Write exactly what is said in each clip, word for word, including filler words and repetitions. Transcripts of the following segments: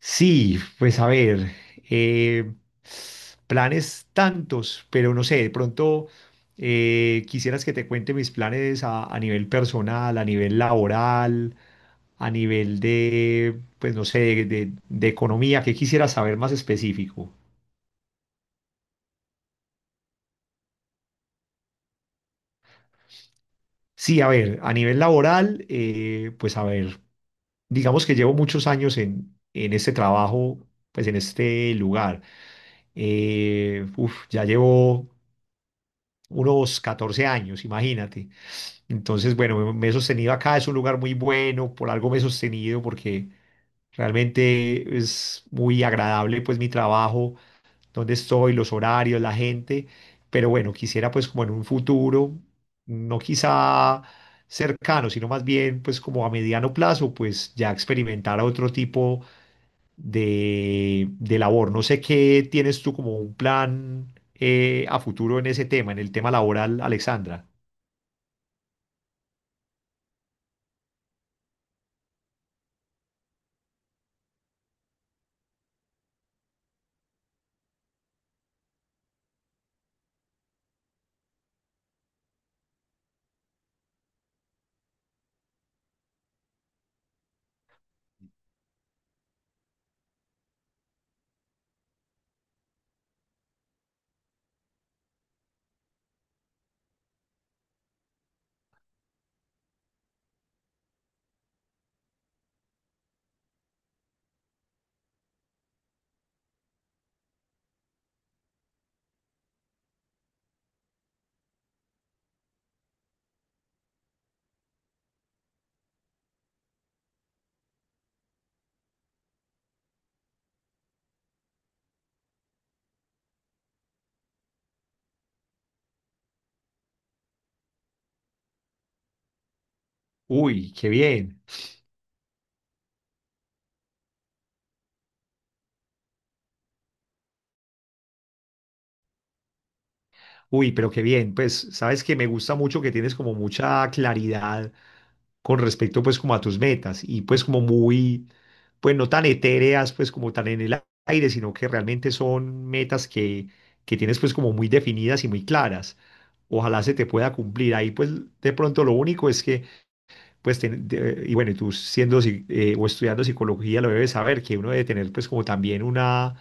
Sí, pues a ver, eh, planes tantos, pero no sé, de pronto eh, quisieras que te cuente mis planes a, a nivel personal, a nivel laboral, a nivel de, pues no sé, de, de- de economía, ¿qué quisieras saber más específico? Sí, a ver, a nivel laboral, eh, pues a ver, digamos que llevo muchos años en, en este trabajo, pues en este lugar. Eh, uf, ya llevo unos catorce años, imagínate. Entonces, bueno, me, me he sostenido acá, es un lugar muy bueno, por algo me he sostenido, porque realmente es muy agradable pues mi trabajo, donde estoy, los horarios, la gente, pero bueno, quisiera pues como en un futuro, no quizá cercano, sino más bien pues como a mediano plazo, pues ya experimentar otro tipo de, de labor. No sé qué tienes tú como un plan eh, a futuro en ese tema, en el tema laboral, Alexandra. Uy, qué bien. Uy, pero qué bien. Pues sabes que me gusta mucho que tienes como mucha claridad con respecto pues como a tus metas y pues como muy, pues no tan etéreas pues como tan en el aire, sino que realmente son metas que, que tienes pues como muy definidas y muy claras. Ojalá se te pueda cumplir. Ahí pues de pronto lo único es que pues ten- de- y bueno, y tú siendo psi- eh, o estudiando psicología lo debes saber que uno debe tener pues como también una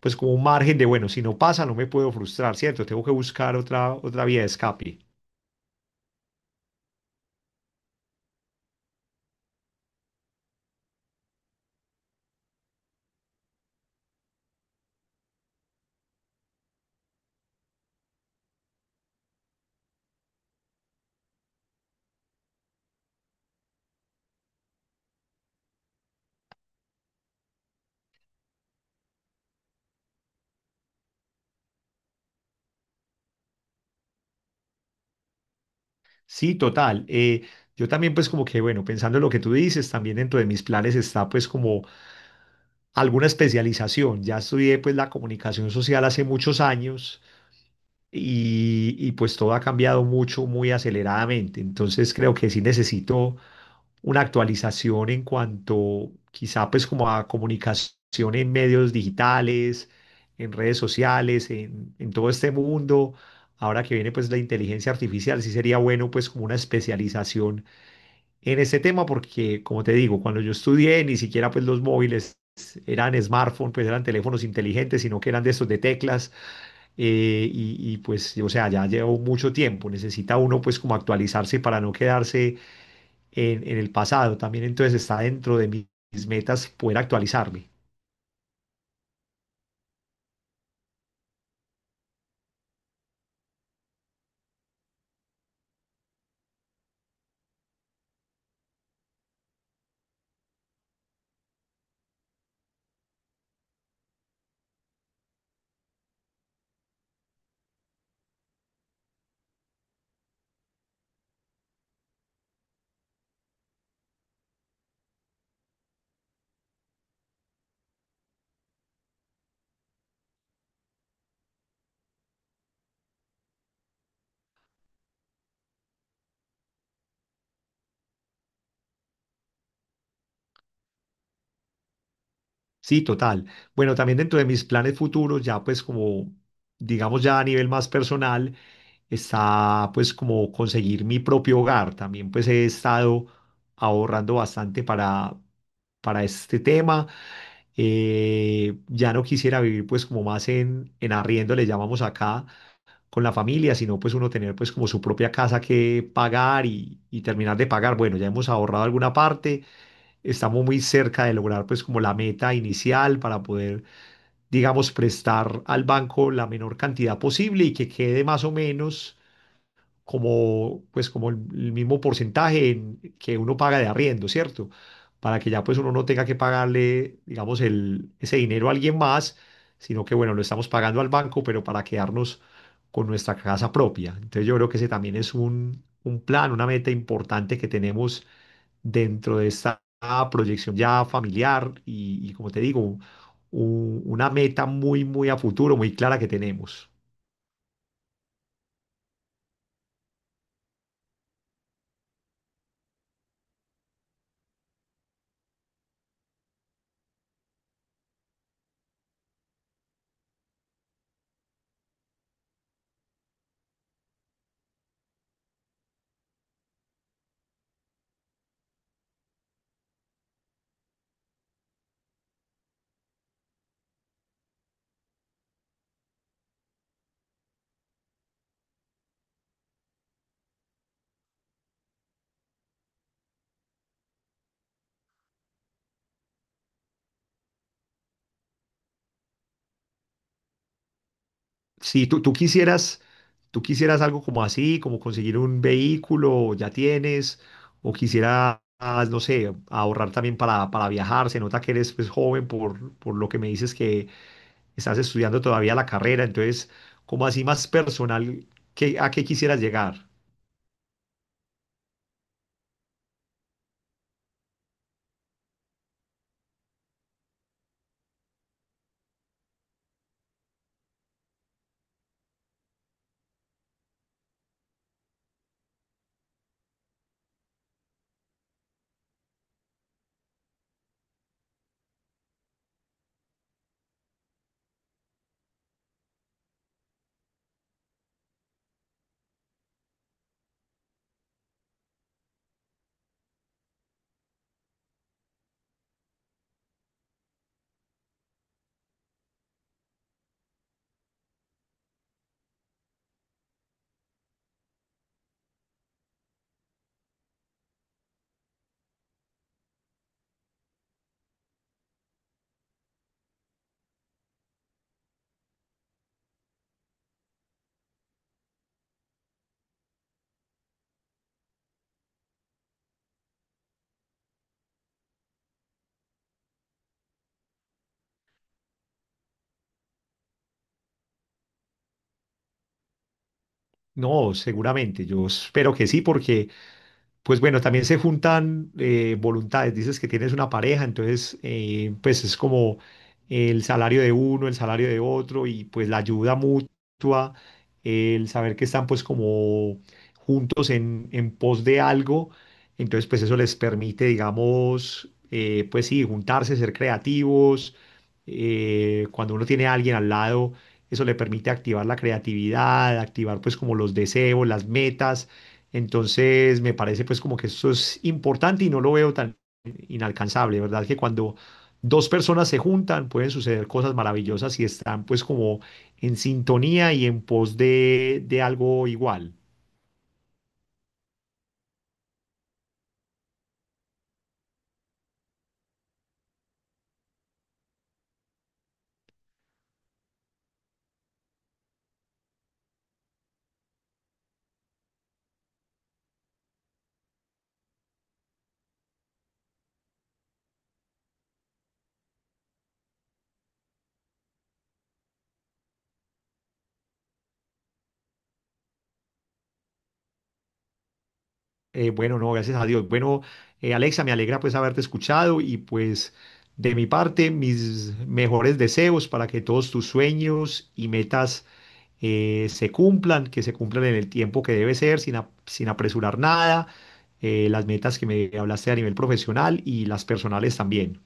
pues como un margen de, bueno, si no pasa, no me puedo frustrar, ¿cierto? Tengo que buscar otra, otra vía de escape. Sí, total. Eh, yo también pues como que, bueno, pensando en lo que tú dices, también dentro de mis planes está pues como alguna especialización. Ya estudié pues la comunicación social hace muchos años y, y pues todo ha cambiado mucho, muy aceleradamente. Entonces creo que sí necesito una actualización en cuanto quizá pues como a comunicación en medios digitales, en redes sociales, en, en todo este mundo. Ahora que viene pues la inteligencia artificial, sí sería bueno pues como una especialización en este tema porque como te digo, cuando yo estudié ni siquiera pues los móviles eran smartphones, pues eran teléfonos inteligentes, sino que eran de estos de teclas eh, y, y pues o sea, ya llevo mucho tiempo, necesita uno pues como actualizarse para no quedarse en, en el pasado. También entonces está dentro de mis mis metas poder actualizarme. Sí, total. Bueno, también dentro de mis planes futuros, ya pues como, digamos ya a nivel más personal, está pues como conseguir mi propio hogar. También pues he estado ahorrando bastante para, para este tema. Eh, ya no quisiera vivir pues como más en, en arriendo, le llamamos acá, con la familia, sino pues uno tener pues como su propia casa que pagar y, y terminar de pagar. Bueno, ya hemos ahorrado alguna parte, estamos muy cerca de lograr pues como la meta inicial para poder, digamos, prestar al banco la menor cantidad posible y que quede más o menos como, pues, como el, el mismo porcentaje en- que uno paga de arriendo, ¿cierto? Para que ya pues uno no tenga que pagarle, digamos, el, ese dinero a alguien más, sino que, bueno, lo estamos pagando al banco, pero para quedarnos con nuestra casa propia. Entonces yo creo que ese también es un, un plan, una meta importante que tenemos dentro de esta proyección ya familiar y, y como te digo, u- una meta muy, muy a futuro, muy clara que tenemos. Si tú, tú quisieras, tú quisieras algo como así, como conseguir un vehículo, ya tienes, o quisieras, no sé, ahorrar también para, para viajar, se nota que eres pues, joven por, por lo que me dices que estás estudiando todavía la carrera, entonces, como así más personal, ¿qué, a qué quisieras llegar? No, seguramente, yo espero que sí, porque pues bueno, también se juntan eh, voluntades. Dices que tienes una pareja, entonces eh, pues es como el salario de uno, el salario de otro y pues la ayuda mutua, el saber que están pues como juntos en, en pos de algo. Entonces pues eso les permite, digamos, eh, pues sí, juntarse, ser creativos. Eh, cuando uno tiene a alguien al lado, eso le permite activar la creatividad, activar pues como los deseos, las metas entonces, me parece pues como que esto es importante y no lo veo tan inalcanzable, ¿verdad? Que cuando dos personas se juntan pueden suceder cosas maravillosas y están pues como en sintonía y en pos de, de algo igual. Eh, bueno, no, gracias a Dios. Bueno, eh, Alexa, me alegra pues haberte escuchado y pues de mi parte, mis mejores deseos para que todos tus sueños y metas eh, se cumplan, que se cumplan en el tiempo que debe ser, sin, ap- sin apresurar nada, eh, las metas que me hablaste a nivel profesional y las personales también.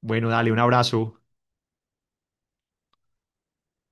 Bueno, dale un abrazo.